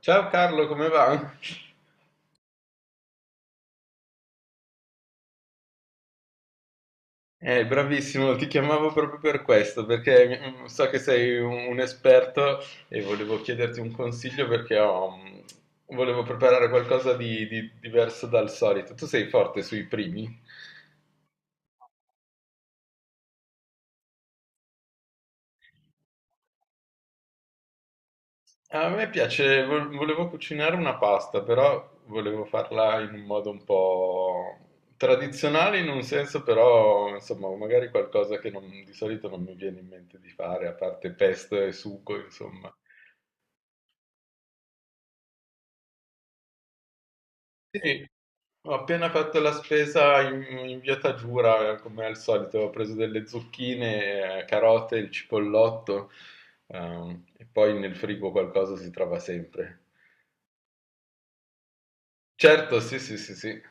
Ciao Carlo, come va? Bravissimo, ti chiamavo proprio per questo, perché so che sei un esperto e volevo chiederti un consiglio perché volevo preparare qualcosa di diverso dal solito. Tu sei forte sui primi? A me piace, volevo cucinare una pasta, però volevo farla in un modo un po' tradizionale in un senso, però insomma, magari qualcosa che di solito non mi viene in mente di fare, a parte pesto e sugo, insomma. Sì, sì. Ho appena fatto la spesa in via Taggiura, come al solito, ho preso delle zucchine, carote, il cipollotto, e poi nel frigo qualcosa si trova sempre. Certo, sì, sì, sì, sì,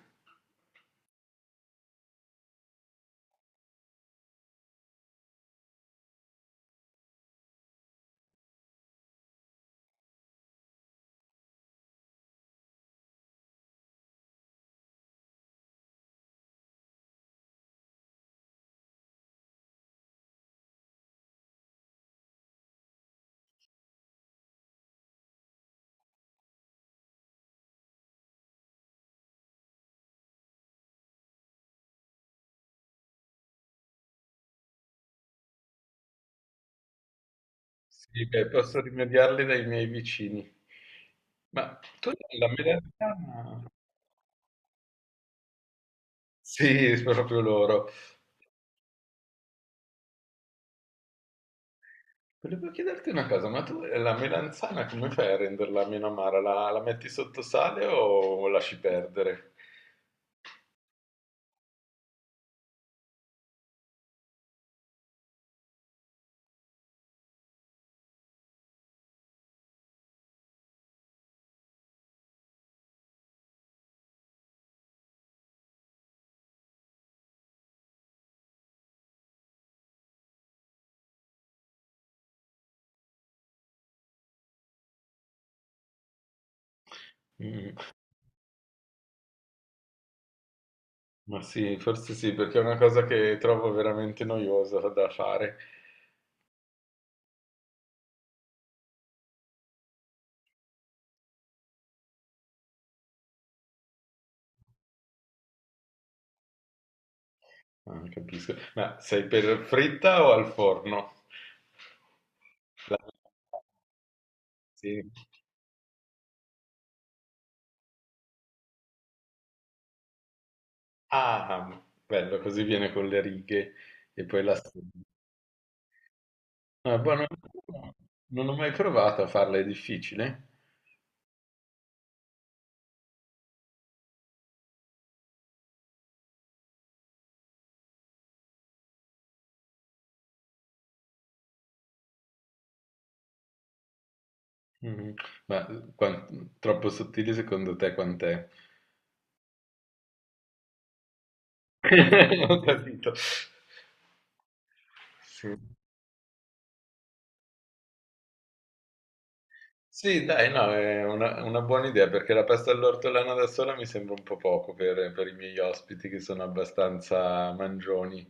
sì, beh, posso rimediarle dai miei vicini. Ma tu la melanzana. Sì, proprio loro. Volevo chiederti una cosa, ma tu la melanzana come fai a renderla meno amara? La metti sotto sale o lasci perdere? Mm. Ma sì, forse sì, perché è una cosa che trovo veramente noiosa da fare. Ah, capisco. Ma sei per fritta o al forno? La- Sì. Ah, bello, così viene con le righe e poi la stringi. Ah, buono. Non ho mai provato a farla, è difficile. Mm. Ma troppo sottile secondo te quant'è? Ho capito. Sì. Sì, dai, no, è una buona idea perché la pasta all'ortolano da sola mi sembra un po' poco per i miei ospiti che sono abbastanza mangioni.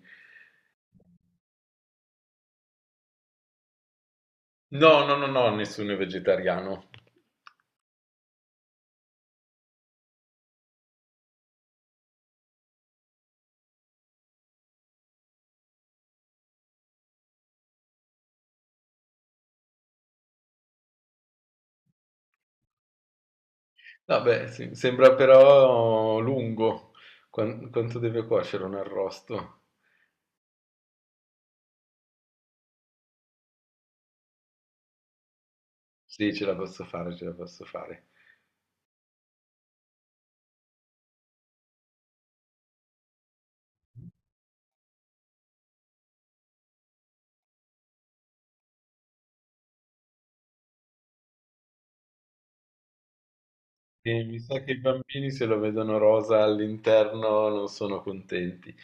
No, no, no, no, nessuno è vegetariano. Vabbè, sì, sembra però lungo. Quanto deve cuocere un arrosto? Sì, ce la posso fare, ce la posso fare. E mi sa che i bambini se lo vedono rosa all'interno non sono contenti.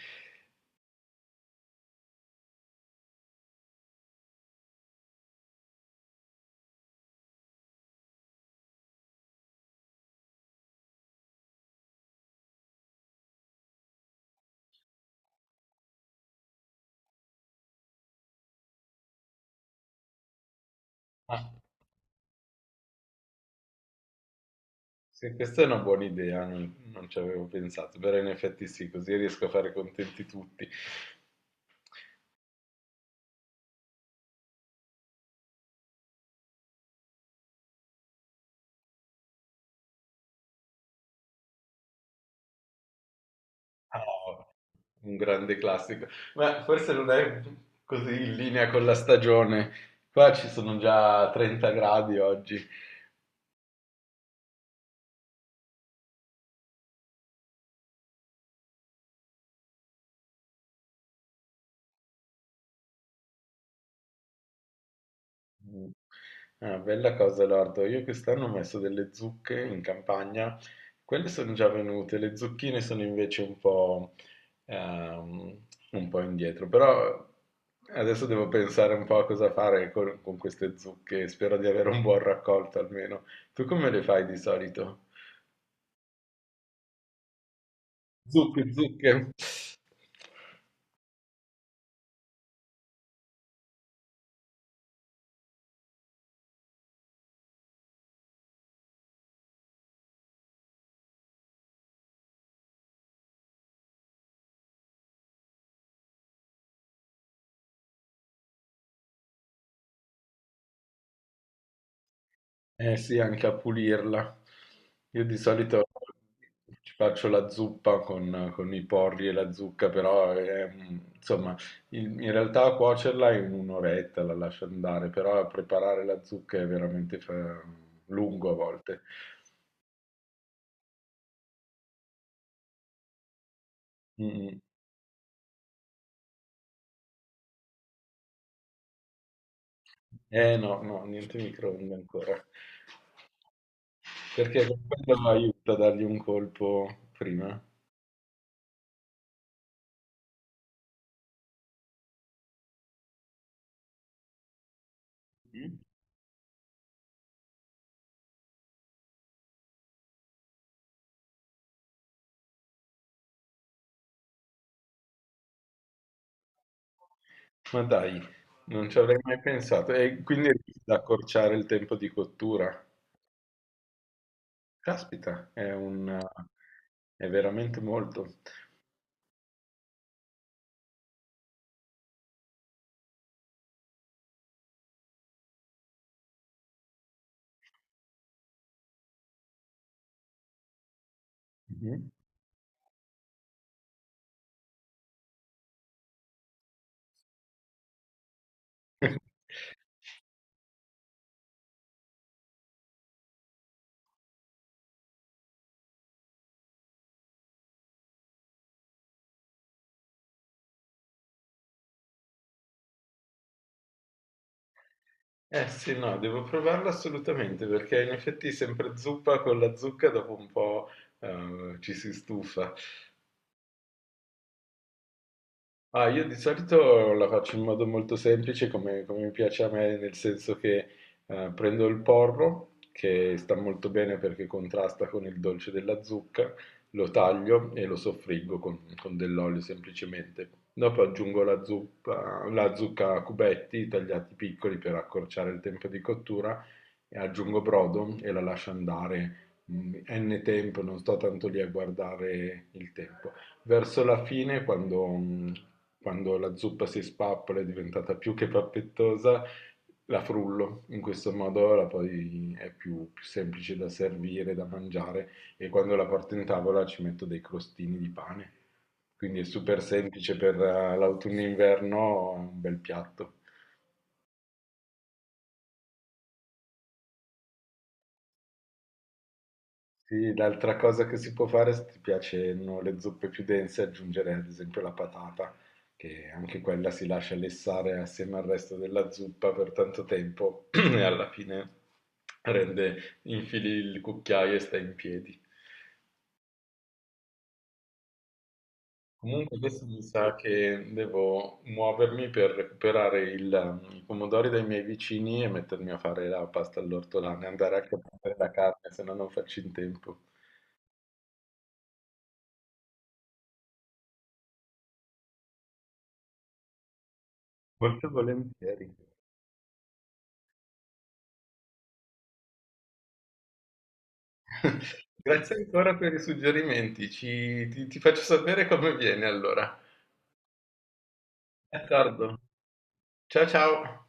Ah, sì, questa è una buona idea, non ci avevo pensato, però in effetti sì, così riesco a fare contenti tutti. Ah, un grande classico, ma forse non è così in linea con la stagione. Qua ci sono già 30 gradi oggi. Mh. Ah, bella cosa lardo. Io quest'anno ho messo delle zucche in campagna, quelle sono già venute, le zucchine sono invece ehm, un po' indietro, però adesso devo pensare un po' a cosa fare con queste zucche, spero di avere un buon raccolto almeno. Tu come le fai di solito? Zucche, zucche. Eh sì, anche a pulirla. Io di solito ci faccio la zuppa con i porri e la zucca, però è, insomma, in realtà a cuocerla in un'oretta la lascio andare, però a preparare la zucca è veramente lungo a volte. Mm. Eh no, no, niente microonde ancora, perché quello aiuta a dargli un colpo prima. Mm. Ma dai, non ci avrei mai pensato. E quindi riesci ad accorciare il tempo di cottura. Caspita, è veramente molto. Mh-mh. Eh sì, no, devo provarlo assolutamente, perché in effetti sempre zuppa con la zucca dopo un po', ci si stufa. Ah, io di solito la faccio in modo molto semplice, come mi piace a me, nel senso che prendo il porro, che sta molto bene perché contrasta con il dolce della zucca, lo taglio e lo soffriggo con dell'olio semplicemente. Dopo aggiungo la zucca a cubetti tagliati piccoli per accorciare il tempo di cottura e aggiungo brodo e la lascio andare n tempo, non sto tanto lì a guardare il tempo. Verso la fine, quando la zuppa si spappola è diventata più che pappettosa, la frullo, in questo modo la poi è più semplice da servire, da mangiare e quando la porto in tavola ci metto dei crostini di pane. Quindi è super semplice per l'autunno-inverno, è un bel piatto. Sì, l'altra cosa che si può fare, se ti piacciono le zuppe più dense, è aggiungere ad esempio la patata, che anche quella si lascia lessare assieme al resto della zuppa per tanto tempo e alla fine rende, infili il cucchiaio e sta in piedi. Comunque adesso mi sa che devo muovermi per recuperare i pomodori dai miei vicini e mettermi a fare la pasta all'ortolano e andare anche a prendere la carne, se no non faccio in tempo. Molto volentieri. Grazie ancora per i suggerimenti, ti faccio sapere come viene allora. D'accordo. Ciao ciao.